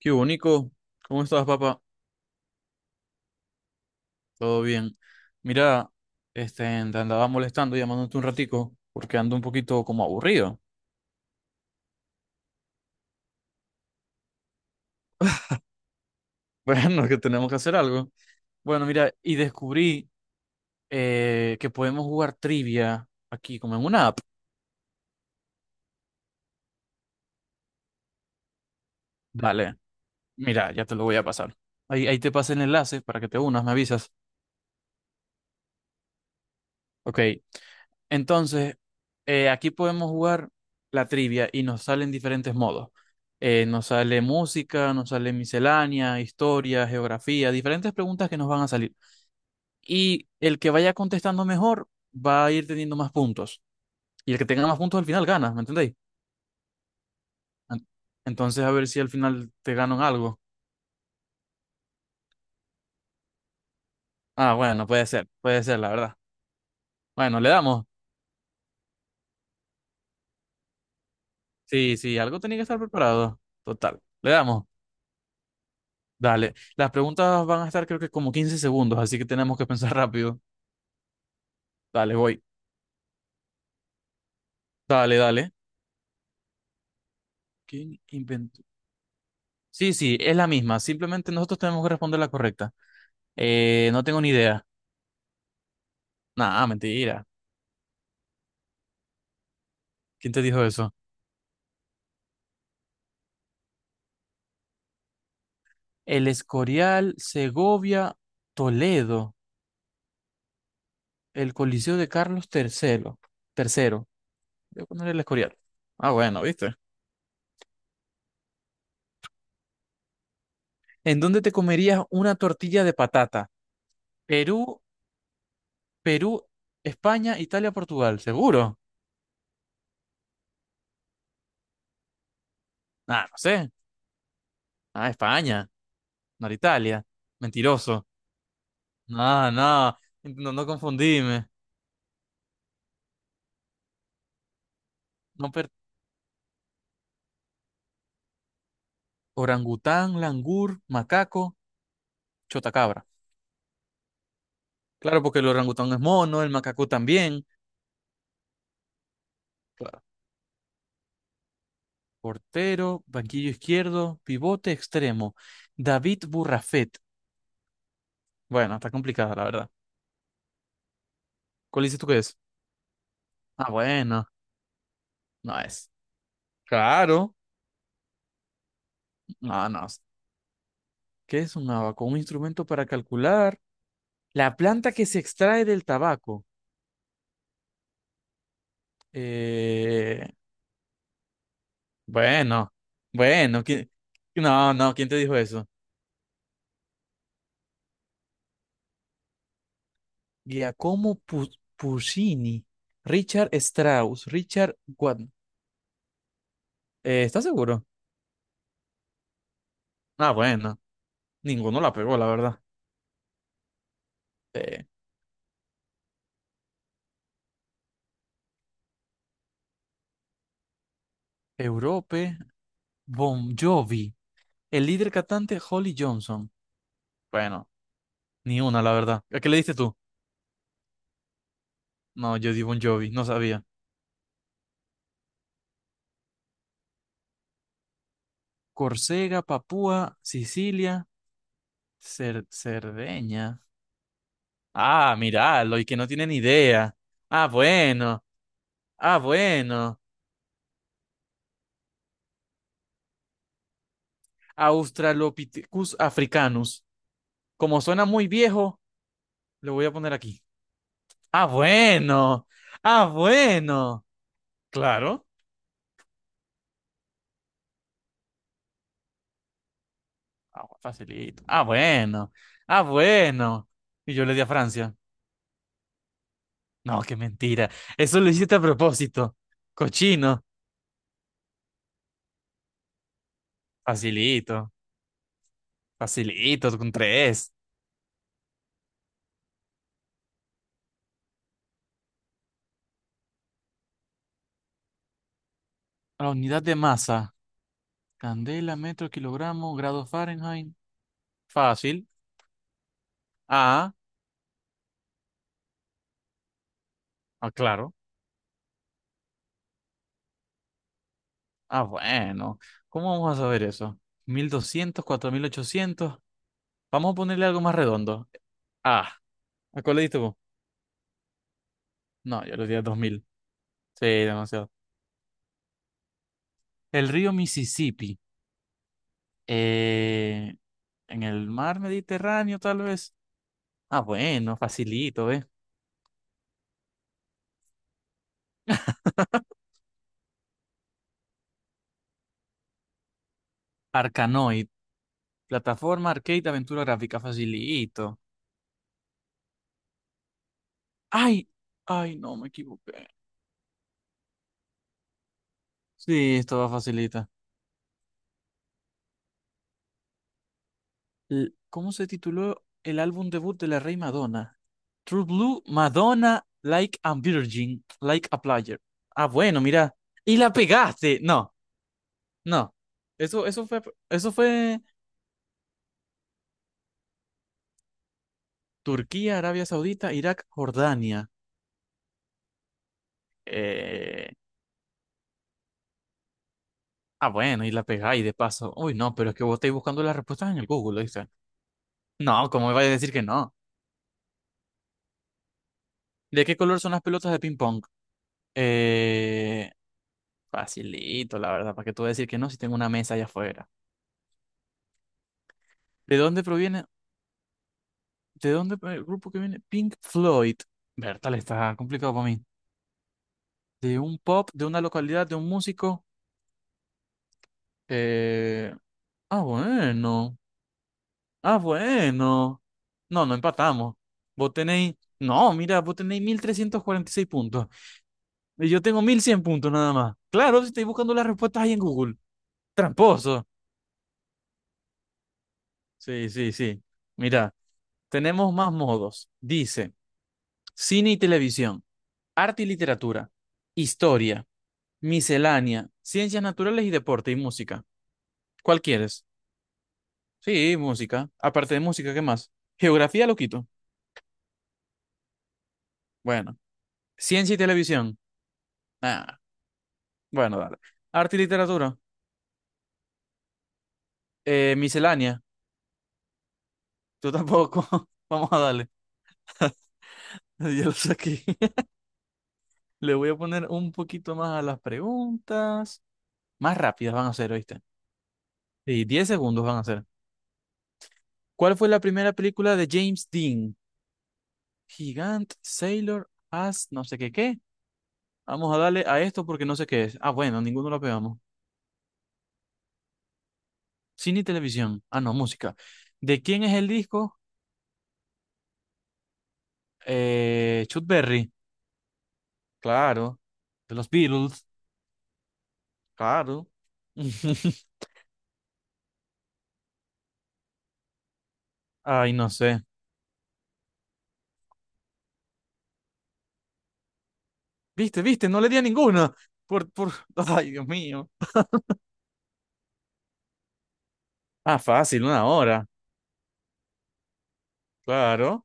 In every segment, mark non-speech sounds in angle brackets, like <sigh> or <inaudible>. Qué bonito. ¿Cómo estás, papá? Todo bien. Mira, te andaba molestando, llamándote un ratico, porque ando un poquito como aburrido. <laughs> Bueno, que tenemos que hacer algo. Bueno, mira, y descubrí que podemos jugar trivia aquí, como en una app. Dale, mira, ya te lo voy a pasar. Ahí, ahí te pasé el enlace para que te unas, me avisas. Ok, entonces, aquí podemos jugar la trivia y nos salen diferentes modos. Nos sale música, nos sale miscelánea, historia, geografía, diferentes preguntas que nos van a salir. Y el que vaya contestando mejor va a ir teniendo más puntos. Y el que tenga más puntos al final gana, ¿me entendéis? En- Entonces, a ver si al final te ganan algo. Ah, bueno, puede ser, la verdad. Bueno, le damos. Sí, sí, algo tenía que estar preparado. Total, le damos. Dale, las preguntas van a estar creo que como 15 segundos, así que tenemos que pensar <laughs> rápido. Dale, voy. Dale, dale. ¿Quién inventó? Sí, sí, es la misma. Simplemente nosotros tenemos que responder la correcta. No tengo ni idea. Nah, mentira. ¿Quién te dijo eso? El Escorial, Segovia, Toledo, el Coliseo de Carlos III. Tercero. Voy a poner el Escorial. Ah, bueno, ¿viste? ¿En dónde te comerías una tortilla de patata? Perú, Perú, España, Italia, Portugal. ¿Seguro? Ah, no sé. Ah, España, no era Italia. Mentiroso. No, no, no, no confundíme. No per- Orangután, langur, macaco, chotacabra. Claro, porque el orangután es mono, el macaco también. Claro. Portero, banquillo izquierdo, pivote extremo. David Burrafet. Bueno, está complicada, la verdad. ¿Cuál dices tú que es? Ah, bueno, no es. Claro. No, no. ¿Qué es un abaco? Un instrumento para calcular. La planta que se extrae del tabaco. Eh, Bueno, bueno, ¿quién- No, no, ¿quién te dijo eso? Giacomo Pu- Puccini, Richard Strauss, Richard Wagner. ¿Estás seguro? Ah, bueno, ninguno la pegó, la verdad. Eh, Europe, Bon Jovi, el líder cantante Holly Johnson. Bueno, ni una, la verdad. ¿A qué le diste tú? No, yo di Bon Jovi, no sabía. Córcega, Papúa, Sicilia, Cerdeña. Ah, míralo, y que no tiene ni idea. Ah, bueno. Ah, bueno. Australopithecus africanus. Como suena muy viejo, le voy a poner aquí. Ah, bueno. Ah, bueno. Claro. Ah, facilito. Ah, bueno. Ah, bueno. Y yo le di a Francia. No, qué mentira. Eso lo hiciste a propósito. Cochino. Facilito. Facilito, con tres. La unidad de masa. Candela, metro, kilogramo, grado Fahrenheit. Fácil. Ah, ah, claro. Ah, bueno. ¿Cómo vamos a saber eso? 1200 4800. Vamos a ponerle algo más redondo. Ah, ¿a cuál le diste vos? No, yo le di a 2000. Sí, demasiado. El río Mississippi. Eh, en el mar Mediterráneo, tal vez. Ah, bueno, facilito, ¿eh? <laughs> Arcanoid. Plataforma, arcade, aventura gráfica, facilito. Ay, ay, no, me equivoqué. Sí, esto va facilita. ¿Cómo se tituló el álbum debut de la Rey Madonna? True Blue, Madonna, Like a Virgin, Like a Player. Ah, bueno, mira. Y la pegaste. No, no. Eso, eso fue Turquía, Arabia Saudita, Irak, Jordania. Eh, ah, bueno, y la pegáis de paso. Uy, no, pero es que vos estáis buscando las respuestas en el Google, dice. No, ¿cómo me vais a decir que no? ¿De qué color son las pelotas de ping pong? Eh, facilito, la verdad, ¿para qué tú vas a decir que no si tengo una mesa allá afuera? ¿De dónde proviene? El grupo que viene? Pink Floyd. Bertal, está complicado para mí. De un pop, de una localidad, de un músico. Eh... Ah, bueno. Ah, bueno. No, no empatamos. Vos tenéis. No, mira, vos tenéis 1346 puntos. Y yo tengo 1100 puntos nada más. Claro, si estáis buscando las respuestas ahí en Google. Tramposo. Sí, sí, sí. Mira, tenemos más modos. Dice: cine y televisión, arte y literatura, historia, miscelánea, ciencias naturales y deporte y música. ¿Cuál quieres? Sí, música. Aparte de música, ¿qué más? Geografía lo quito. Bueno. Ciencia y televisión. Ah, bueno, dale. Arte y literatura. Miscelánea. Tú tampoco. <laughs> Vamos a darle. <laughs> Ya lo saqué. <laughs> Le voy a poner un poquito más a las preguntas. Más rápidas van a ser, ¿oíste? Sí, 10 segundos van a ser. ¿Cuál fue la primera película de James Dean? Gigant, Sailor, As, no sé qué qué. Vamos a darle a esto porque no sé qué es. Ah, bueno, ninguno lo pegamos. Cine y televisión. Ah, no, música. ¿De quién es el disco? Chuck Berry. Claro. De los Beatles. Claro. <laughs> Ay, no sé. Viste, viste, no le di a ninguna. Por... <laughs> Ay, Dios mío. Ah, fácil, una hora. Claro.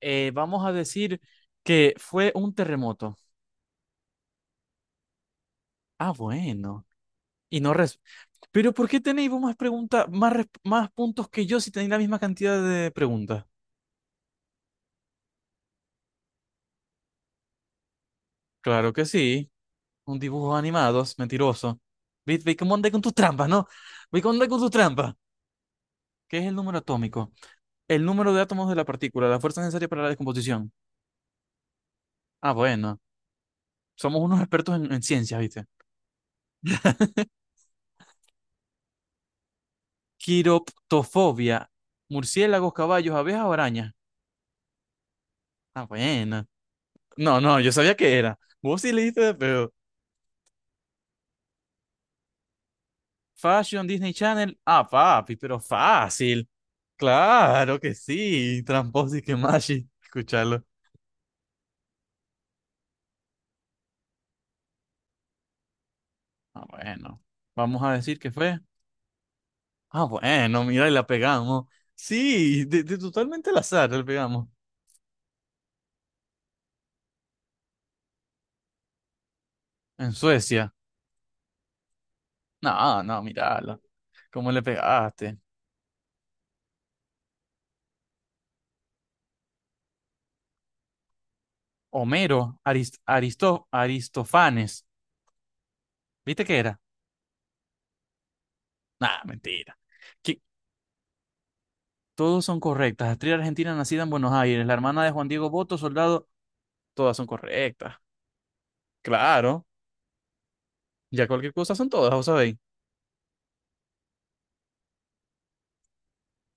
Vamos a decir que fue un terremoto. Ah, bueno. Y no res... Pero ¿por qué tenéis vos más preguntas, más, más puntos que yo si tenéis la misma cantidad de preguntas? Claro que sí. Un dibujo animado, es mentiroso. Ve, ve cómo anda con tus trampas, ¿no? Ve cómo anda con tus trampas. ¿Qué es el número atómico? El número de átomos de la partícula, la fuerza necesaria para la descomposición. Ah, bueno. Somos unos expertos en ciencias, ¿viste? Quiroptofobia. Murciélagos, caballos, abejas, o arañas. Ah, bueno. No, no, yo sabía que era. Vos sí le diste de pedo. Fashion, Disney Channel. Ah, papi, pero fácil. Claro que sí. Tramposis que machi. Escucharlo. Ah, bueno. Vamos a decir que fue. Ah, bueno, mira, y la pegamos. Sí, de totalmente al azar la pegamos. En Suecia. No, no, mírala. ¿Cómo le pegaste? Homero, Aristofanes. ¿Viste qué era? Nah, mentira. Que todos son correctas. Actriz argentina nacida en Buenos Aires, la hermana de Juan Diego Botto, soldado, todas son correctas. Claro, ya cualquier cosa son todas, ¿vos sabéis?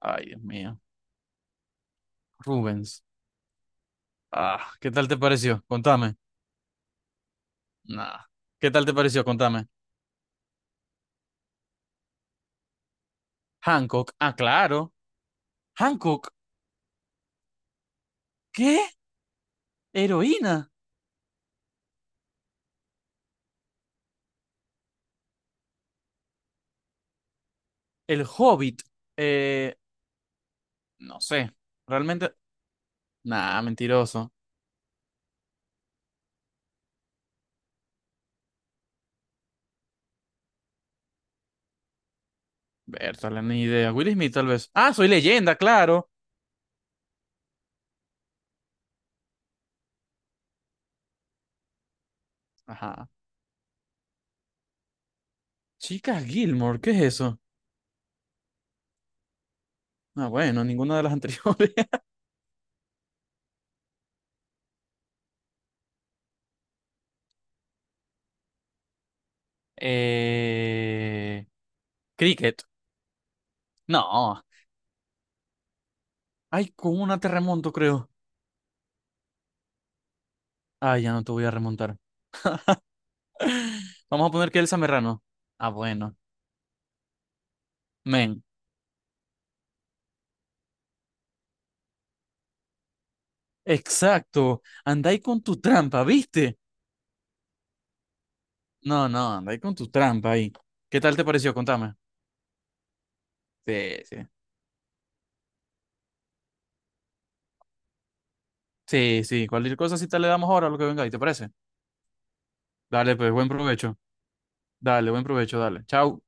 Ay, Dios mío. Rubens. Ah, ¿qué tal te pareció? Contame. Nada. ¿Qué tal te pareció? Contame. Hancock. Ah, claro. Hancock. ¿Qué? Heroína. El Hobbit. Eh, no sé. Realmente. Nah, mentiroso. Bertale, ni idea. Will Smith, tal vez. Ah, soy leyenda, claro. Ajá. Chicas Gilmore, ¿qué es eso? Ah, bueno, ninguna de las anteriores. <laughs> Eh, cricket. No. Ay, con una te remonto, creo. Ay, ya no te voy a remontar. <laughs> Vamos a poner que Elsa Merrano. Ah, bueno. Men. Exacto, andáis con tu trampa, ¿viste? No, no, andáis con tu trampa ahí. ¿Qué tal te pareció? Contame. Sí, sí. Sí, sí, cualquier cosa si te le damos ahora a lo que venga ahí, ¿te parece? Dale, pues, buen provecho. Dale, buen provecho, dale. Chao.